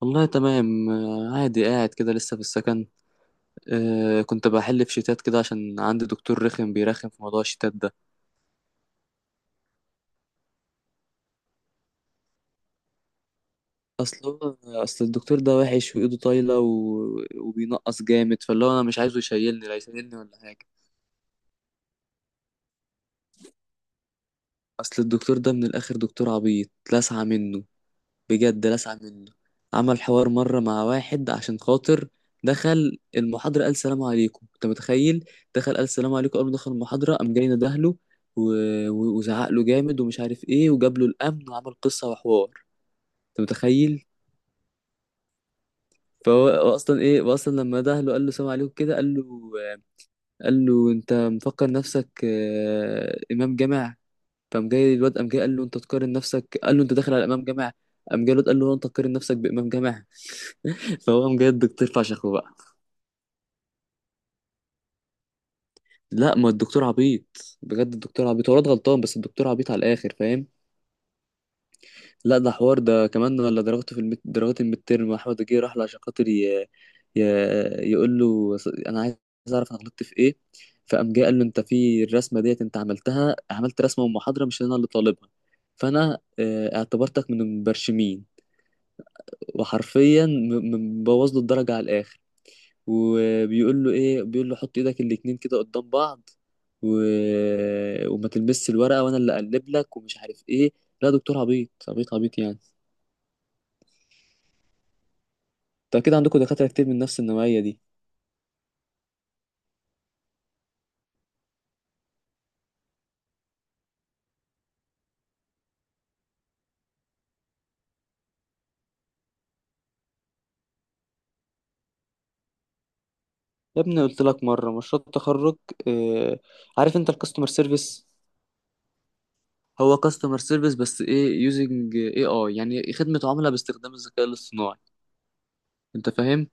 والله تمام آه، عادي قاعد كده لسه في السكن. آه كنت بحل في شيتات كده عشان عندي دكتور رخم بيرخم في موضوع الشيتات ده. اصل اصل الدكتور ده وحش وايده طايله وبينقص جامد، فاللي هو انا مش عايزه يشيلني، لا يشيلني ولا حاجه. اصل الدكتور ده من الاخر دكتور عبيط، لسعة منه، بجد لسع منه. عمل حوار مرة مع واحد عشان خاطر دخل المحاضرة قال سلام عليكم، انت متخيل؟ دخل قال سلام عليكم قبل ما دخل المحاضرة، قام جاي ندهله و... وزعق له جامد ومش عارف ايه، وجاب له الأمن وعمل قصة وحوار. انت متخيل؟ فهو اصلا، ايه هو اصلا لما دهله قال له سلام عليكم كده، قال له، قال له انت مفكر نفسك آه، امام جامع؟ فقام جاي الواد قام جاي قال له انت تقارن نفسك، قال له انت داخل على امام جامع. قام جاي الواد قال له انت تقارن نفسك بامام جامع؟ فهو قام جاي الدكتور فشخه بقى. لا ما الدكتور عبيط بجد، الدكتور عبيط، هو الواد غلطان بس الدكتور عبيط على الاخر، فاهم؟ لا ده حوار، ده كمان ولا درجته في درجات الميد تيرم، احمد جه راح له عشان خاطر ي... يقول له انا عايز اعرف انا غلطت في ايه. فقام جه قال له انت في الرسمه ديت انت عملتها، عملت رسمه ومحاضره مش انا اللي طالبها، فانا آه، اعتبرتك من المبرشمين. وحرفيا مبوظ له الدرجه على الاخر، وبيقول له ايه، بيقول له حط ايدك الاتنين كده قدام بعض و... وما تلمسش الورقه وانا اللي اقلب لك ومش عارف ايه. لا دكتور عبيط عبيط عبيط يعني. انت اكيد عندكم دكاتره كتير من نفس النوعيه دي. يا ابني قلت لك مره مشروع التخرج، آه... عارف انت الكاستمر سيرفيس؟ هو كاستمر سيرفيس بس ايه، يوزنج اي اي، يعني خدمه عملاء باستخدام الذكاء الاصطناعي. انت فاهم؟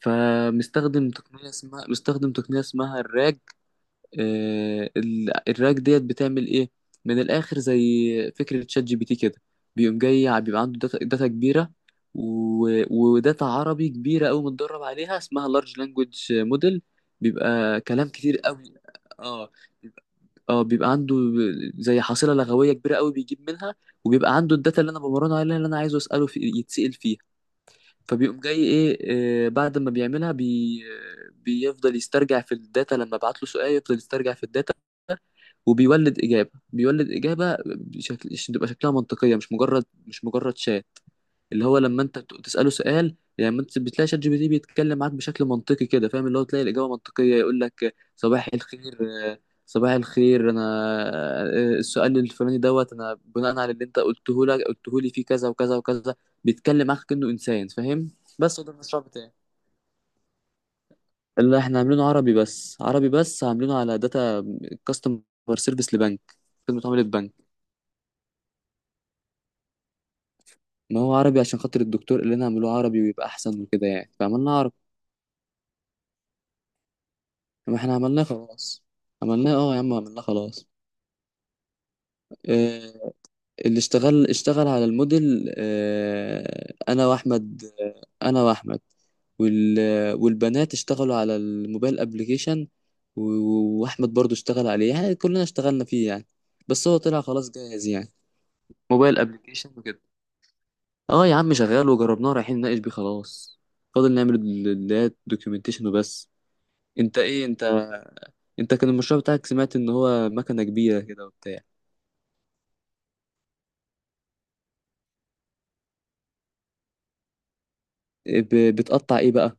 فمستخدم تقنيه اسمها، مستخدم تقنيه اسمها الراج. آه، الراك ديت بتعمل ايه؟ من الاخر زي فكره شات جي بي تي كده، بيقوم جاي بيبقى عنده داتا, داتا كبيره، وداتا عربي كبيره قوي متدرب عليها اسمها لارج لانجوج موديل، بيبقى كلام كتير قوي. اه بيبقى- اه بيبقى عنده زي حاصله لغويه كبيره قوي بيجيب منها. وبيبقى عنده الداتا اللي انا بمرنه عليها، اللي انا عايزه اساله في يتسال فيها. فبيقوم جاي ايه آه، بعد ما بيعملها بي، بيفضل يسترجع في الداتا، لما ابعت له سؤال يفضل يسترجع في الداتا، وبيولد إجابة، بيولد إجابة بشكل بتبقى شكلها منطقية، مش مجرد شات. اللي هو لما أنت تسأله سؤال، يعني أنت بتلاقي شات جي بي تي بيتكلم معاك بشكل منطقي كده، فاهم؟ اللي هو تلاقي الإجابة منطقية، يقول لك صباح الخير آه، صباح الخير أنا آه، السؤال الفلاني دوت أنا بناء على اللي أنت قلته لك، قلته لي فيه كذا وكذا وكذا. بيتكلم معاك كأنه إنسان، فاهم؟ بس هو ده المشروع بتاعي. لا احنا عاملينه عربي بس، عربي بس، عاملينه على داتا كاستمر سيرفيس لبنك، خدمة عملاء بنك. ما هو عربي عشان خاطر الدكتور قال لنا اعملوه عربي ويبقى احسن وكده يعني، فعملنا عربي. ما احنا عملناه خلاص. عملناه اه يا عم، عملناه خلاص. آه، اللي اشتغل، اشتغل على الموديل آه انا واحمد، آه انا واحمد. وال والبنات اشتغلوا على الموبايل ابليكيشن، واحمد برضو اشتغل عليه، يعني كلنا اشتغلنا فيه يعني. بس هو طلع خلاص جاهز يعني. موبايل ابليكيشن وكده. اه يا عم شغال وجربناه، رايحين نناقش بيه خلاص، فاضل نعمل اللي هي الدوكيومنتيشن وبس. انت ايه، انت كان المشروع بتاعك سمعت ان هو مكنه كبيره كده وبتاع. إيه، بتقطع ايه بقى؟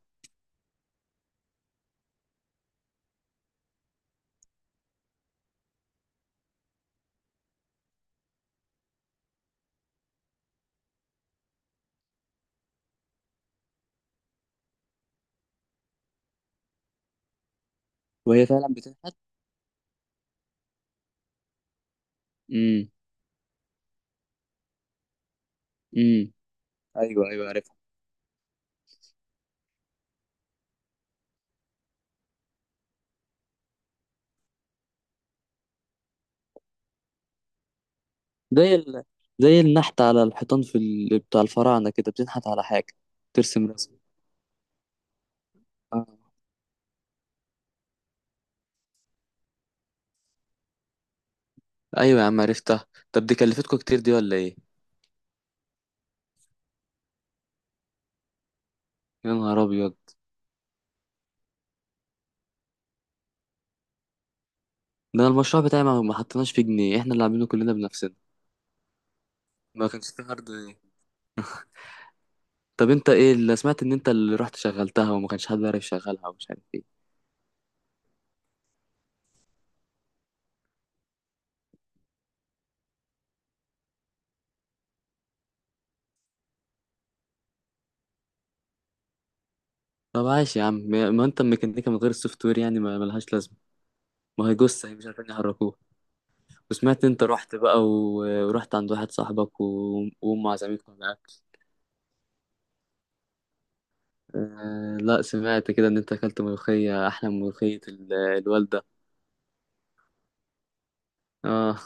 وهي فعلا بتنحت؟ امم، امم، ايوه ايوه عارفها. زي ال... زي النحت على الحيطان في بتاع الفراعنه كده، بتنحت على حاجه، ترسم رسم آه. ايوه يا عم عرفتها. طب دي كلفتكوا كتير دي ولا ايه؟ يا نهار ابيض! ده أنا المشروع بتاعي ما حطيناش فيه جنيه، احنا اللي عاملينه كلنا بنفسنا. ما كانش فيه هارد. طب انت ايه اللي سمعت ان انت اللي رحت شغلتها وما كانش حد عارف يشغلها ومش عارف ايه؟ طب عاش يا عم، ما انت الميكانيكا من غير السوفت وير يعني ما ملهاش لازمه. ما هي جثه، هي مش عارفين يحركوها. وسمعت انت رحت بقى ورحت عند واحد صاحبك وام عزمتكم على الاكل. آه لا سمعت كده ان انت اكلت ملوخيه احلى من ملوخيه الوالده. اه،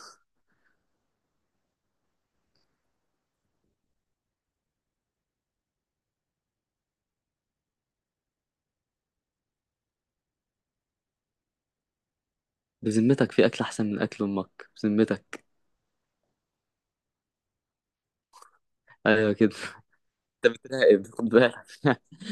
بذمتك في اكل احسن من اكل امك؟ بذمتك؟ ايوه كده، انت بتراقب، خد بالك.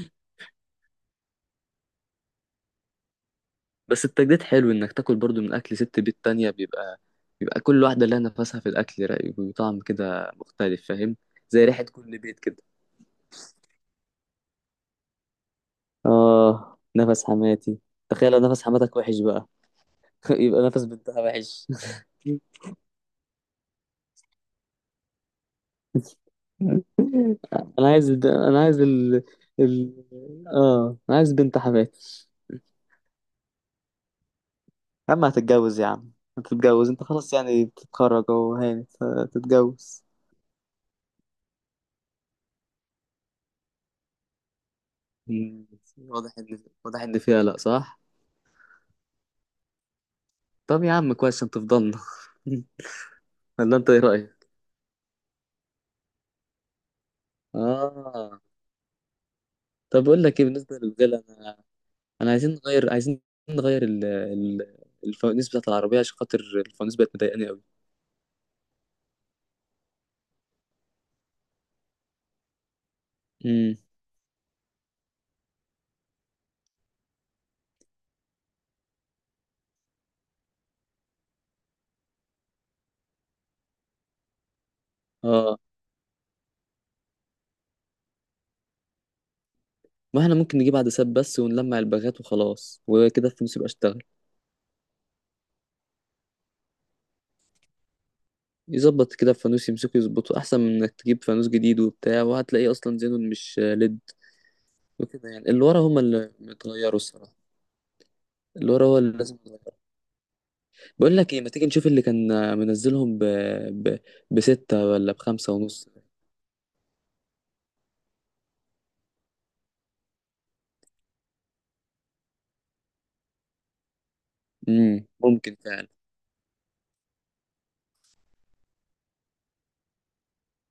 بس التجديد حلو انك تاكل برضو من اكل ست بيت تانية، بيبقى بيبقى كل واحده لها نفسها في الاكل، رايق وطعم كده مختلف، فاهم؟ زي ريحه كل بيت كده. اه نفس حماتي. تخيل لو نفس حماتك وحش بقى! يبقى نفس بنتها وحش. انا عايز الب... انا عايز ال... ال... اه انا عايز بنت حماتي. يا عم هتتجوز يا عم، هتتجوز انت خلاص يعني، بتتخرج اهو هاني، هتتجوز. مم. واضح ان، واضح ان فيها لا صح. طب يا عم كويس عشان تفضلنا، ولا انت ايه رايك؟ اه طب اقول لك ايه، بالنسبه للرجاله انا عايزين نغير الفوانيس بتاعت العربية، عشان خاطر الفوانيس بقت مضايقاني قوي. امم، اه ما احنا ممكن نجيب عدسات بس ونلمع الباغات وخلاص وكده الفانوس يبقى اشتغل. يظبط كده الفانوس، يمسكه يظبطه احسن من انك تجيب فانوس جديد وبتاع، وهتلاقيه اصلا زينون مش ليد وكده يعني. اللي ورا هما اللي متغيروا الصراحة. اللي ورا هو اللي لازم يتغير. بقول لك ايه، ما تيجي نشوف اللي كان منزلهم ب... بستة ولا بخمسة ونص؟ امم، ممكن فعلا.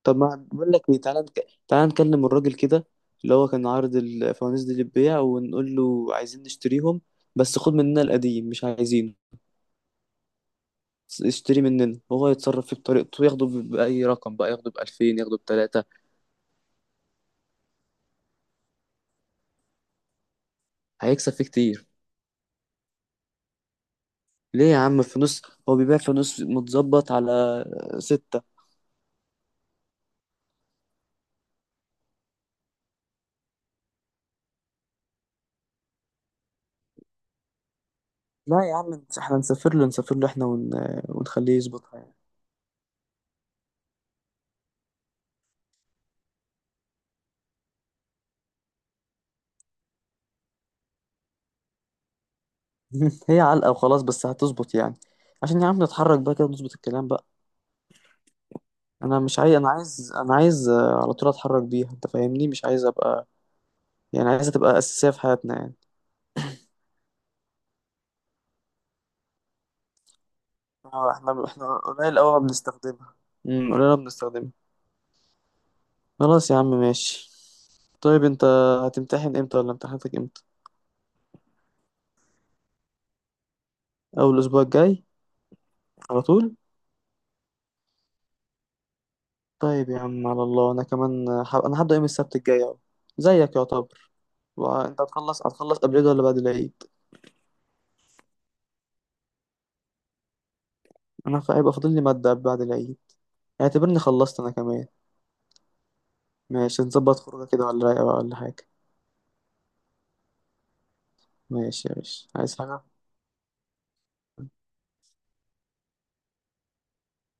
طب ما بقول لك ايه، تعالى تعالى نكلم الراجل كده اللي هو كان عارض الفوانيس دي للبيع، ونقول له عايزين نشتريهم بس خد مننا القديم مش عايزينه، اشتري مننا وهو يتصرف فيه بطريقته، ياخده بأي رقم بقى، ياخده بألفين، ياخده بتلاتة. هيكسب فيه كتير. ليه يا عم، فانوس هو بيبيع فانوس متظبط على ستة. لا يا عم احنا نسافر له، نسافر له احنا ونخليه يظبطها يعني. هي علقة وخلاص بس هتظبط يعني، عشان يا عم نتحرك بقى كده، نظبط الكلام بقى. انا مش عايز انا عايز انا عايز آه، على طول اتحرك بيها، انت فاهمني، مش عايز ابقى يعني، عايزها تبقى اساسيه في حياتنا يعني. اه احنا، احنا قليل قوي ما بنستخدمها. قليل قوي بنستخدمها. خلاص يا عم ماشي. طيب انت هتمتحن امتى، ولا امتحاناتك امتى؟ اول الاسبوع الجاي على طول؟ طيب يا عم على الله، انا كمان انا هبدا يوم السبت الجاي اهو، زيك يعتبر. وانت هتخلص، هتخلص قبل العيد ولا بعد العيد؟ انا هيبقى فاضل لي ماده بعد العيد، اعتبرني خلصت انا كمان. ماشي نظبط خروجه كده ولا رايقه بقى ولا حاجه؟ ماشي يا باشا، عايز حاجة؟